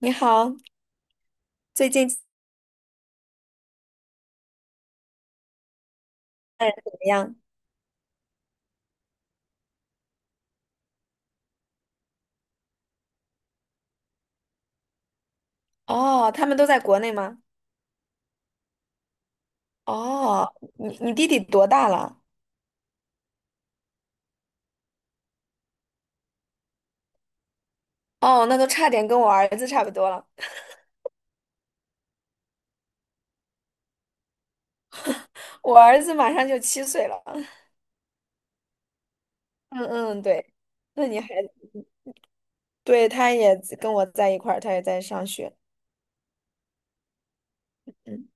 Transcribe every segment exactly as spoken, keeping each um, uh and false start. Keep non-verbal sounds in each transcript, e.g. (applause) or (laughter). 你好，最近家人怎么样？哦，他们都在国内吗？哦，你你弟弟多大了？哦，那都差点跟我儿子差不多了。我儿子马上就七岁了。(laughs) 嗯嗯，对。那你还，对，他也跟我在一块儿，他也在上学。嗯，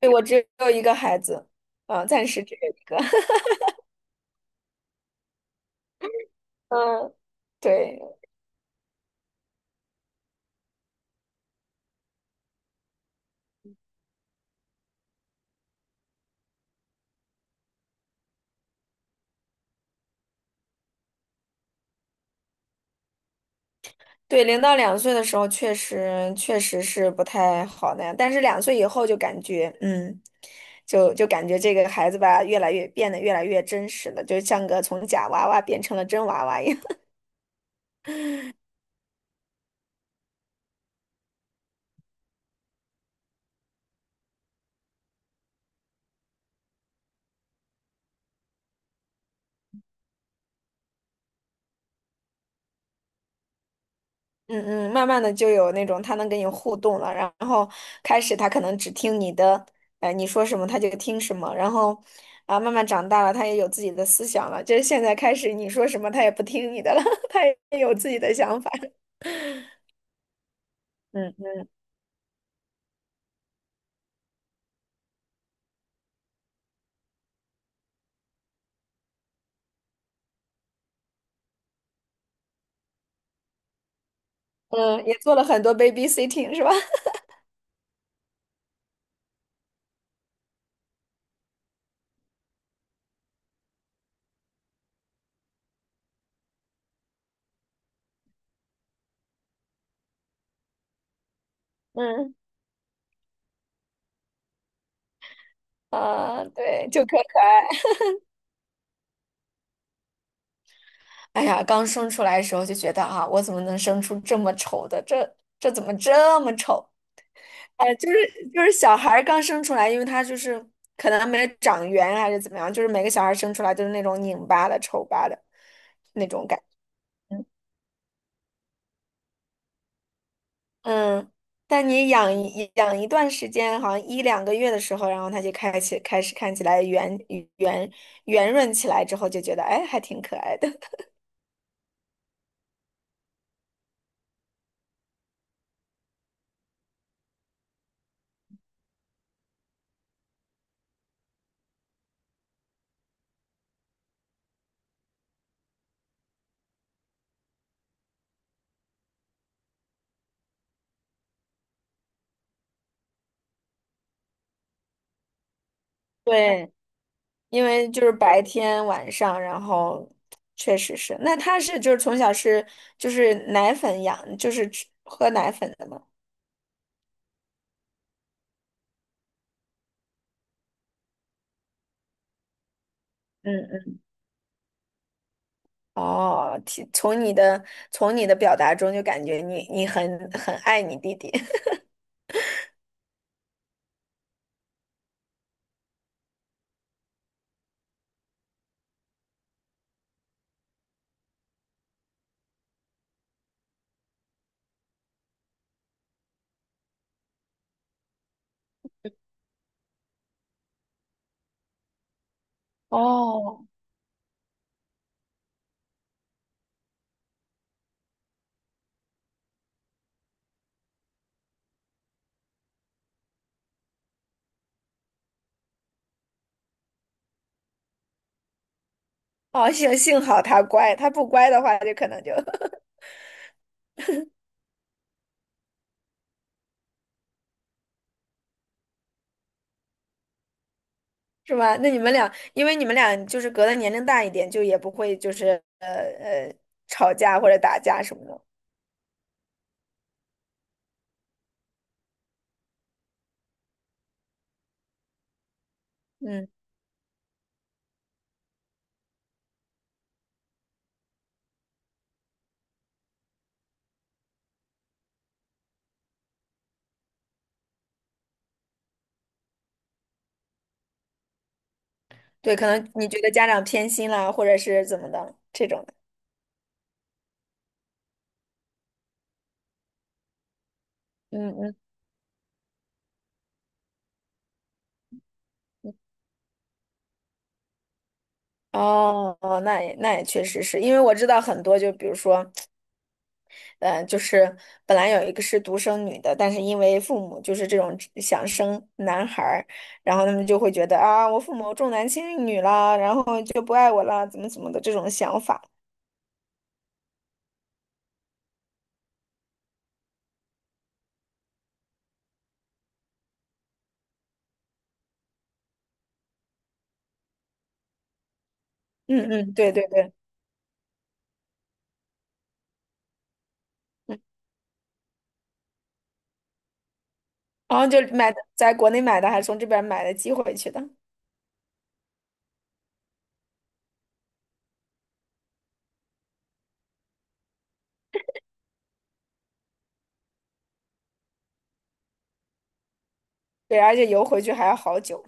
对，我只有一个孩子，啊，暂时只有一个。(laughs) 嗯，对。对，零到两岁的时候确实确实是不太好的，样，但是两岁以后就感觉，嗯，就就感觉这个孩子吧，越来越变得越来越真实了，就像个从假娃娃变成了真娃娃一样。(laughs) 嗯嗯，慢慢的就有那种他能跟你互动了，然后开始他可能只听你的，呃，你说什么他就听什么，然后啊，慢慢长大了，他也有自己的思想了，就是现在开始你说什么他也不听你的了，(laughs) 他也有自己的想法。嗯嗯，也做了很多 babysitting 是吧？嗯啊，对，就可可爱。(laughs) 哎呀，刚生出来的时候就觉得啊，我怎么能生出这么丑的？这这怎么这么丑？哎，就是就是小孩儿刚生出来，因为他就是可能没长圆还是怎么样，就是每个小孩儿生出来都是那种拧巴的、丑巴的那种感觉。嗯，但你养一养一段时间，好像一两个月的时候，然后他就开始开始看起来圆圆圆润起来之后，就觉得哎，还挺可爱的。(laughs) 对。因为就是白天晚上，然后确实是。那他是就是从小是就是奶粉养，就是吃喝奶粉的吗？嗯嗯，哦，听从你的从你的表达中就感觉你你很很爱你弟弟。(laughs) 哦，幸幸好他乖，他不乖的话就可能就 (laughs) 是吧？那你们俩，因为你们俩就是隔的年龄大一点，就也不会就是呃呃吵架或者打架什么的。嗯，对，可能你觉得家长偏心啦，或者是怎么的这种的。嗯嗯，哦哦，那也那也确实是因为我知道很多，就比如说，呃，就是本来有一个是独生女的，但是因为父母就是这种想生男孩儿，然后他们就会觉得啊，我父母重男轻女了，然后就不爱我了，怎么怎么的这种想法。嗯嗯，对对对，然后就买的，在国内买的，还从这边买的寄回去的，对，而且邮回去还要好久。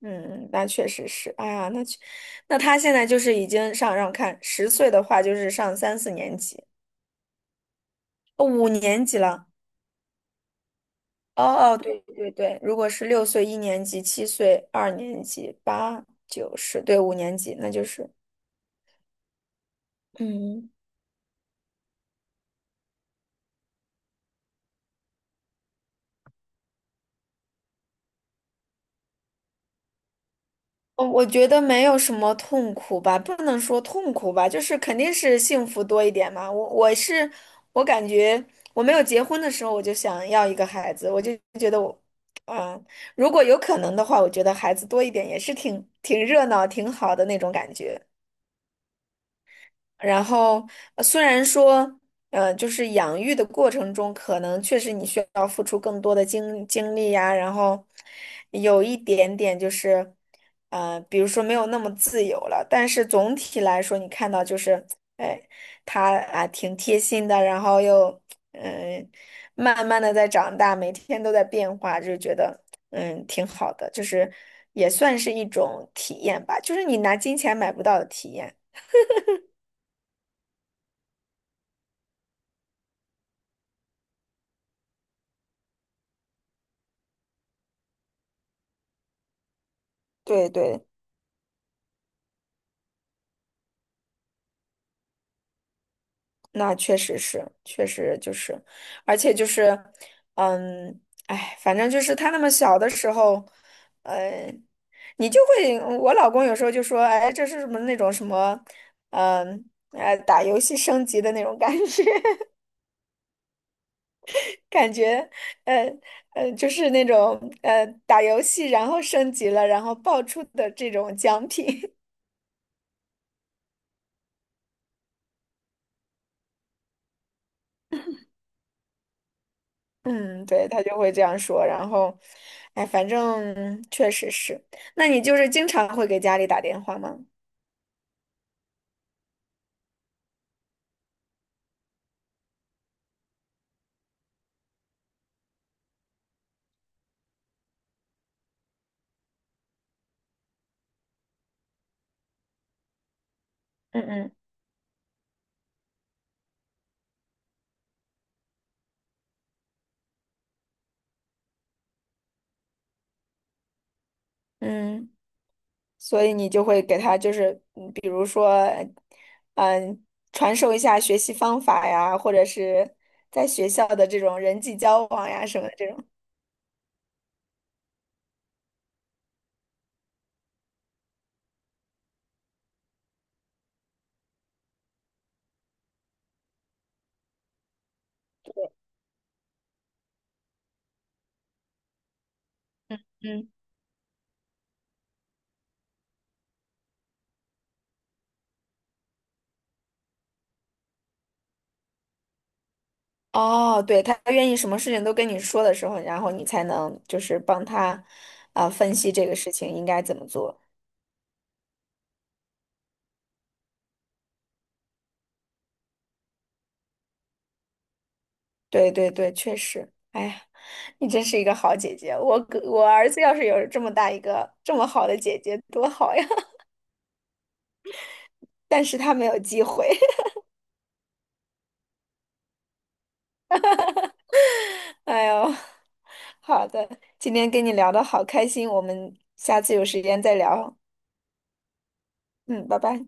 嗯，那确实是，哎呀，那确那他现在就是已经上让看十岁的话，就是上三四年级，哦五年级了。哦哦，对对对，如果是六岁一年级、七岁二年级、八九十，对，五年级，那就是嗯。我我觉得没有什么痛苦吧，不能说痛苦吧，就是肯定是幸福多一点嘛。我我是我感觉我没有结婚的时候我就想要一个孩子，我就觉得我，嗯，如果有可能的话，我觉得孩子多一点也是挺挺热闹、挺好的那种感觉。然后呃虽然说，呃，就是养育的过程中，可能确实你需要付出更多的精精力呀，然后有一点点就是，呃，比如说没有那么自由了，但是总体来说，你看到就是，哎，他啊挺贴心的，然后又嗯、慢慢的在长大，每天都在变化，就觉得嗯挺好的，就是也算是一种体验吧，就是你拿金钱买不到的体验。对对，那确实是，确实就是，而且就是，嗯，哎，反正就是他那么小的时候，呃，你就会，我老公有时候就说，哎，这是什么那种什么，嗯，呃，打游戏升级的那种感觉，(laughs) 感觉，呃，呃，就是那种，呃，打游戏然后升级了，然后爆出的这种奖品，嗯，对，他就会这样说，然后，哎，反正确实是。那你就是经常会给家里打电话吗？嗯嗯嗯，所以你就会给他就是，嗯比如说，嗯，传授一下学习方法呀，或者是在学校的这种人际交往呀什么的这种。嗯，哦，对，他愿意什么事情都跟你说的时候，然后你才能就是帮他，啊、分析这个事情应该怎么做。对对对，确实。哎呀，你真是一个好姐姐。我哥我儿子要是有这么大一个这么好的姐姐，多好呀！(laughs) 但是他没有机会。(laughs) 哎呦，好的，今天跟你聊的好开心，我们下次有时间再聊。嗯，拜拜。